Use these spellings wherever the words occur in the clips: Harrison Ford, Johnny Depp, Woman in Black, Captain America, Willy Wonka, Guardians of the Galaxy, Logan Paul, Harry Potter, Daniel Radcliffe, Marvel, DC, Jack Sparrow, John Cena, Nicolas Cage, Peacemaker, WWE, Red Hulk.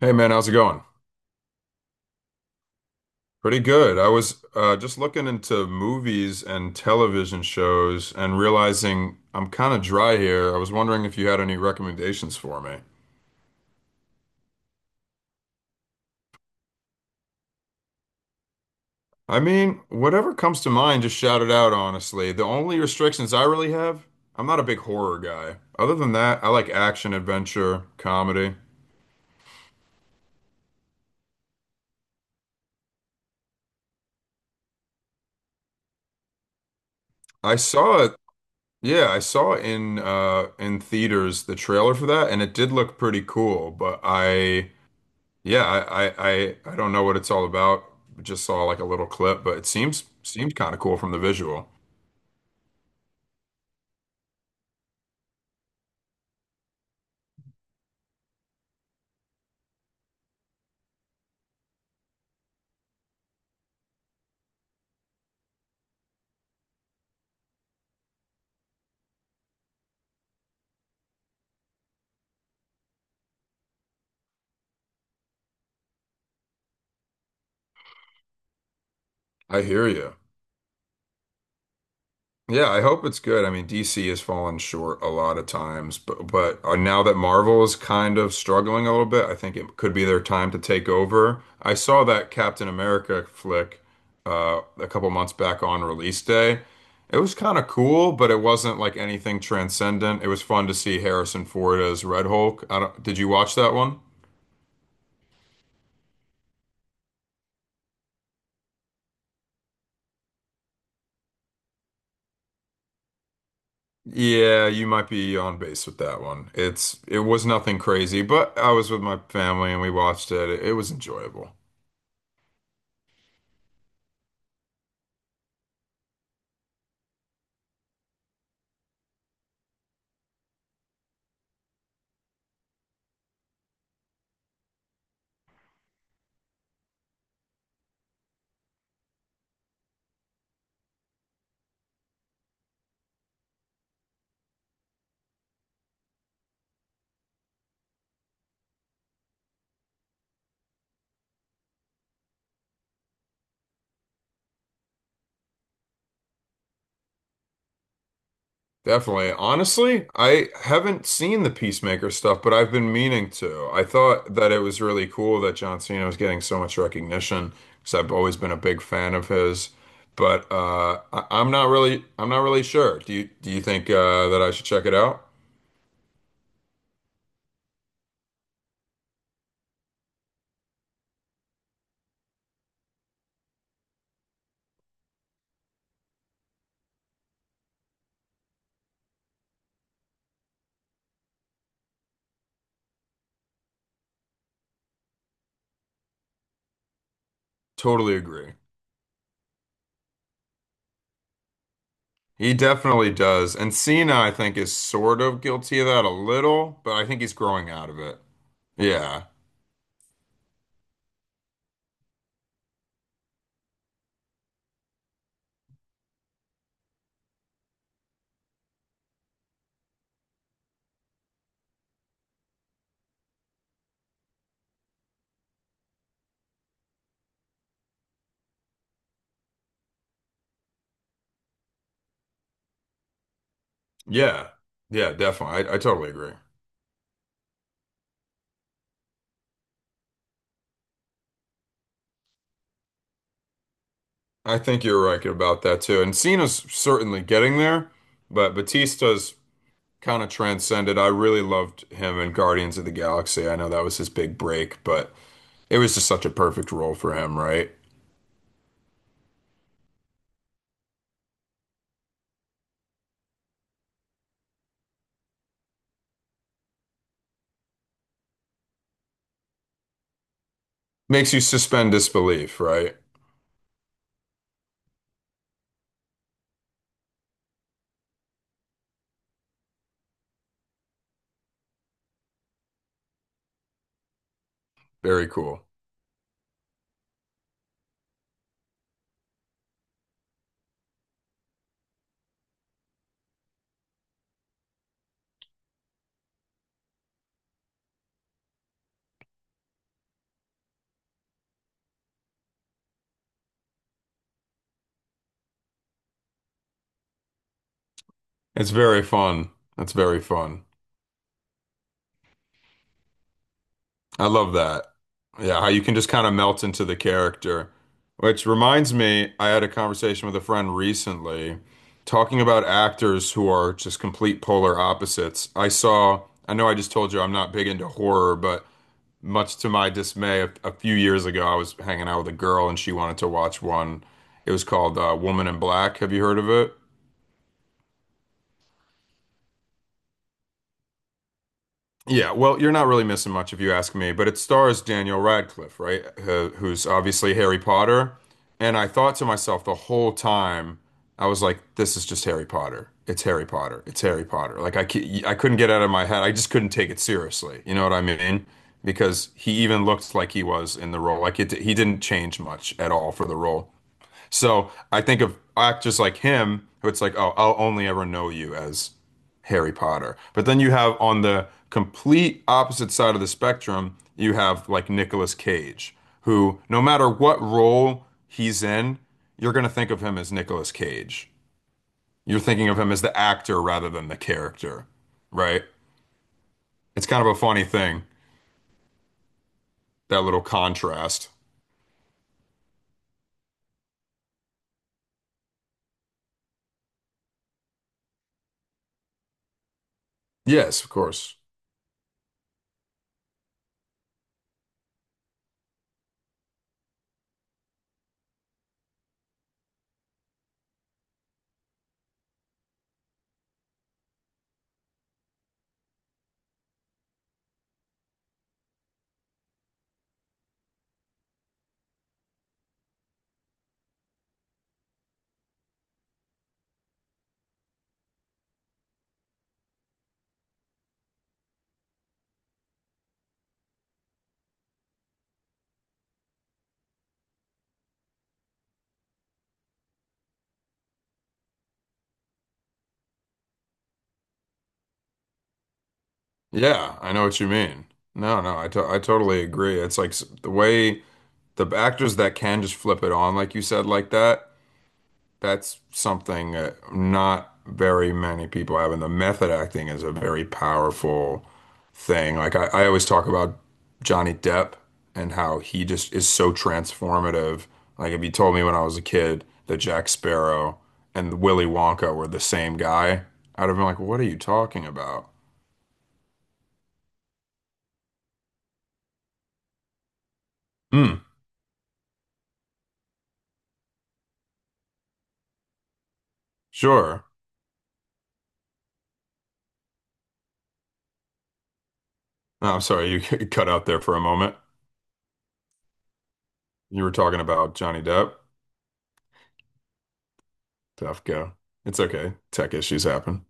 Hey man, how's it going? Pretty good. I was just looking into movies and television shows and realizing I'm kind of dry here. I was wondering if you had any recommendations for me. I mean, whatever comes to mind, just shout it out, honestly. The only restrictions I really have, I'm not a big horror guy. Other than that, I like action, adventure, comedy. I saw it, yeah, I saw in in theaters the trailer for that, and it did look pretty cool, but I. Yeah, I, I I I don't know what it's all about. Just saw like a little clip, but it seems kind of cool from the visual. I hear you. Yeah, I hope it's good. I mean, DC has fallen short a lot of times, but now that Marvel is kind of struggling a little bit, I think it could be their time to take over. I saw that Captain America flick a couple months back on release day. It was kind of cool, but it wasn't like anything transcendent. It was fun to see Harrison Ford as Red Hulk. I don't, did you watch that one? Yeah, you might be on base with that one. It was nothing crazy, but I was with my family and we watched it. It was enjoyable. Definitely. Honestly, I haven't seen the Peacemaker stuff, but I've been meaning to. I thought that it was really cool that John Cena was getting so much recognition because I've always been a big fan of his. But I'm not really sure. Do you think that I should check it out? Totally agree. He definitely does. And Cena, I think, is sort of guilty of that a little, but I think he's growing out of it. Yeah. Yeah. Yeah, definitely. I totally agree. I think you're right about that too. And Cena's certainly getting there, but Batista's kind of transcended. I really loved him in Guardians of the Galaxy. I know that was his big break, but it was just such a perfect role for him, right? Makes you suspend disbelief, right? Very cool. It's very fun. That's very fun. I love that. Yeah, how you can just kind of melt into the character. Which reminds me, I had a conversation with a friend recently talking about actors who are just complete polar opposites. I saw, I know I just told you I'm not big into horror, but much to my dismay, a few years ago, I was hanging out with a girl and she wanted to watch one. It was called Woman in Black. Have you heard of it? Yeah, well, you're not really missing much if you ask me, but it stars Daniel Radcliffe, right? Who's obviously Harry Potter. And I thought to myself the whole time, I was like, this is just Harry Potter. It's Harry Potter. It's Harry Potter. I couldn't get it out of my head. I just couldn't take it seriously. You know what I mean? Because he even looked like he was in the role. He didn't change much at all for the role. So I think of actors like him, who it's like, oh, I'll only ever know you as Harry Potter. But then you have on the complete opposite side of the spectrum, you have like Nicolas Cage, who no matter what role he's in, you're going to think of him as Nicolas Cage. You're thinking of him as the actor rather than the character, right? It's kind of a funny thing, that little contrast. Yes, of course. Yeah, I know what you mean. No, no, I totally agree. The way the actors that can just flip it on, like you said, like that, that's something that not very many people have. And the method acting is a very powerful thing. Like I always talk about Johnny Depp and how he just is so transformative. Like if you told me when I was a kid that Jack Sparrow and Willy Wonka were the same guy, I'd have been like, "What are you talking about?" Hmm, sure. No, I'm sorry, you cut out there for a moment. You were talking about Johnny Depp. Tough go. It's okay. Tech issues happen.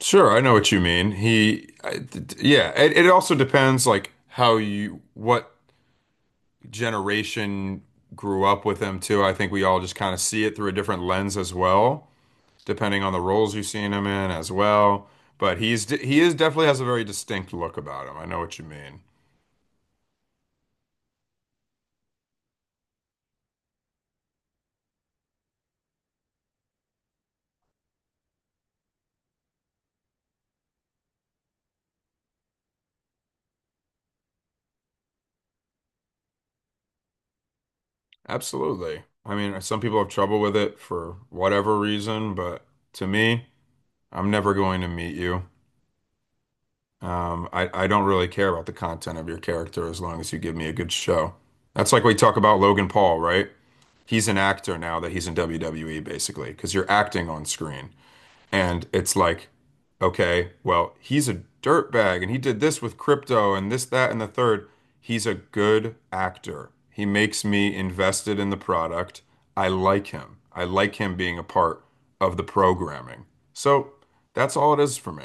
Sure, I know what you mean. He, I, d- d- Yeah, it also depends like how you, what generation grew up with him too. I think we all just kind of see it through a different lens as well, depending on the roles you've seen him in as well. He is definitely has a very distinct look about him. I know what you mean. Absolutely. I mean, some people have trouble with it for whatever reason, but to me, I'm never going to meet you. I don't really care about the content of your character as long as you give me a good show. That's like we talk about Logan Paul, right? He's an actor now that he's in WWE, basically, because you're acting on screen. And it's like, okay, well, he's a dirtbag and he did this with crypto and this, that, and the third. He's a good actor. He makes me invested in the product. I like him. I like him being a part of the programming. So that's all it is for me,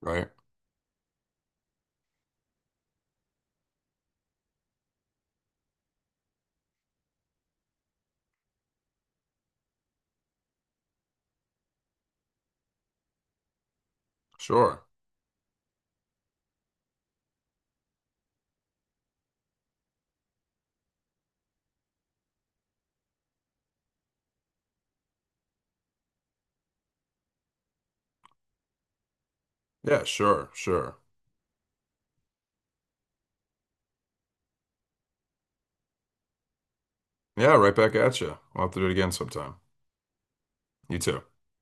right? Sure. Yeah, sure, sure. Yeah, right back at you. We'll have to do it again sometime. You too.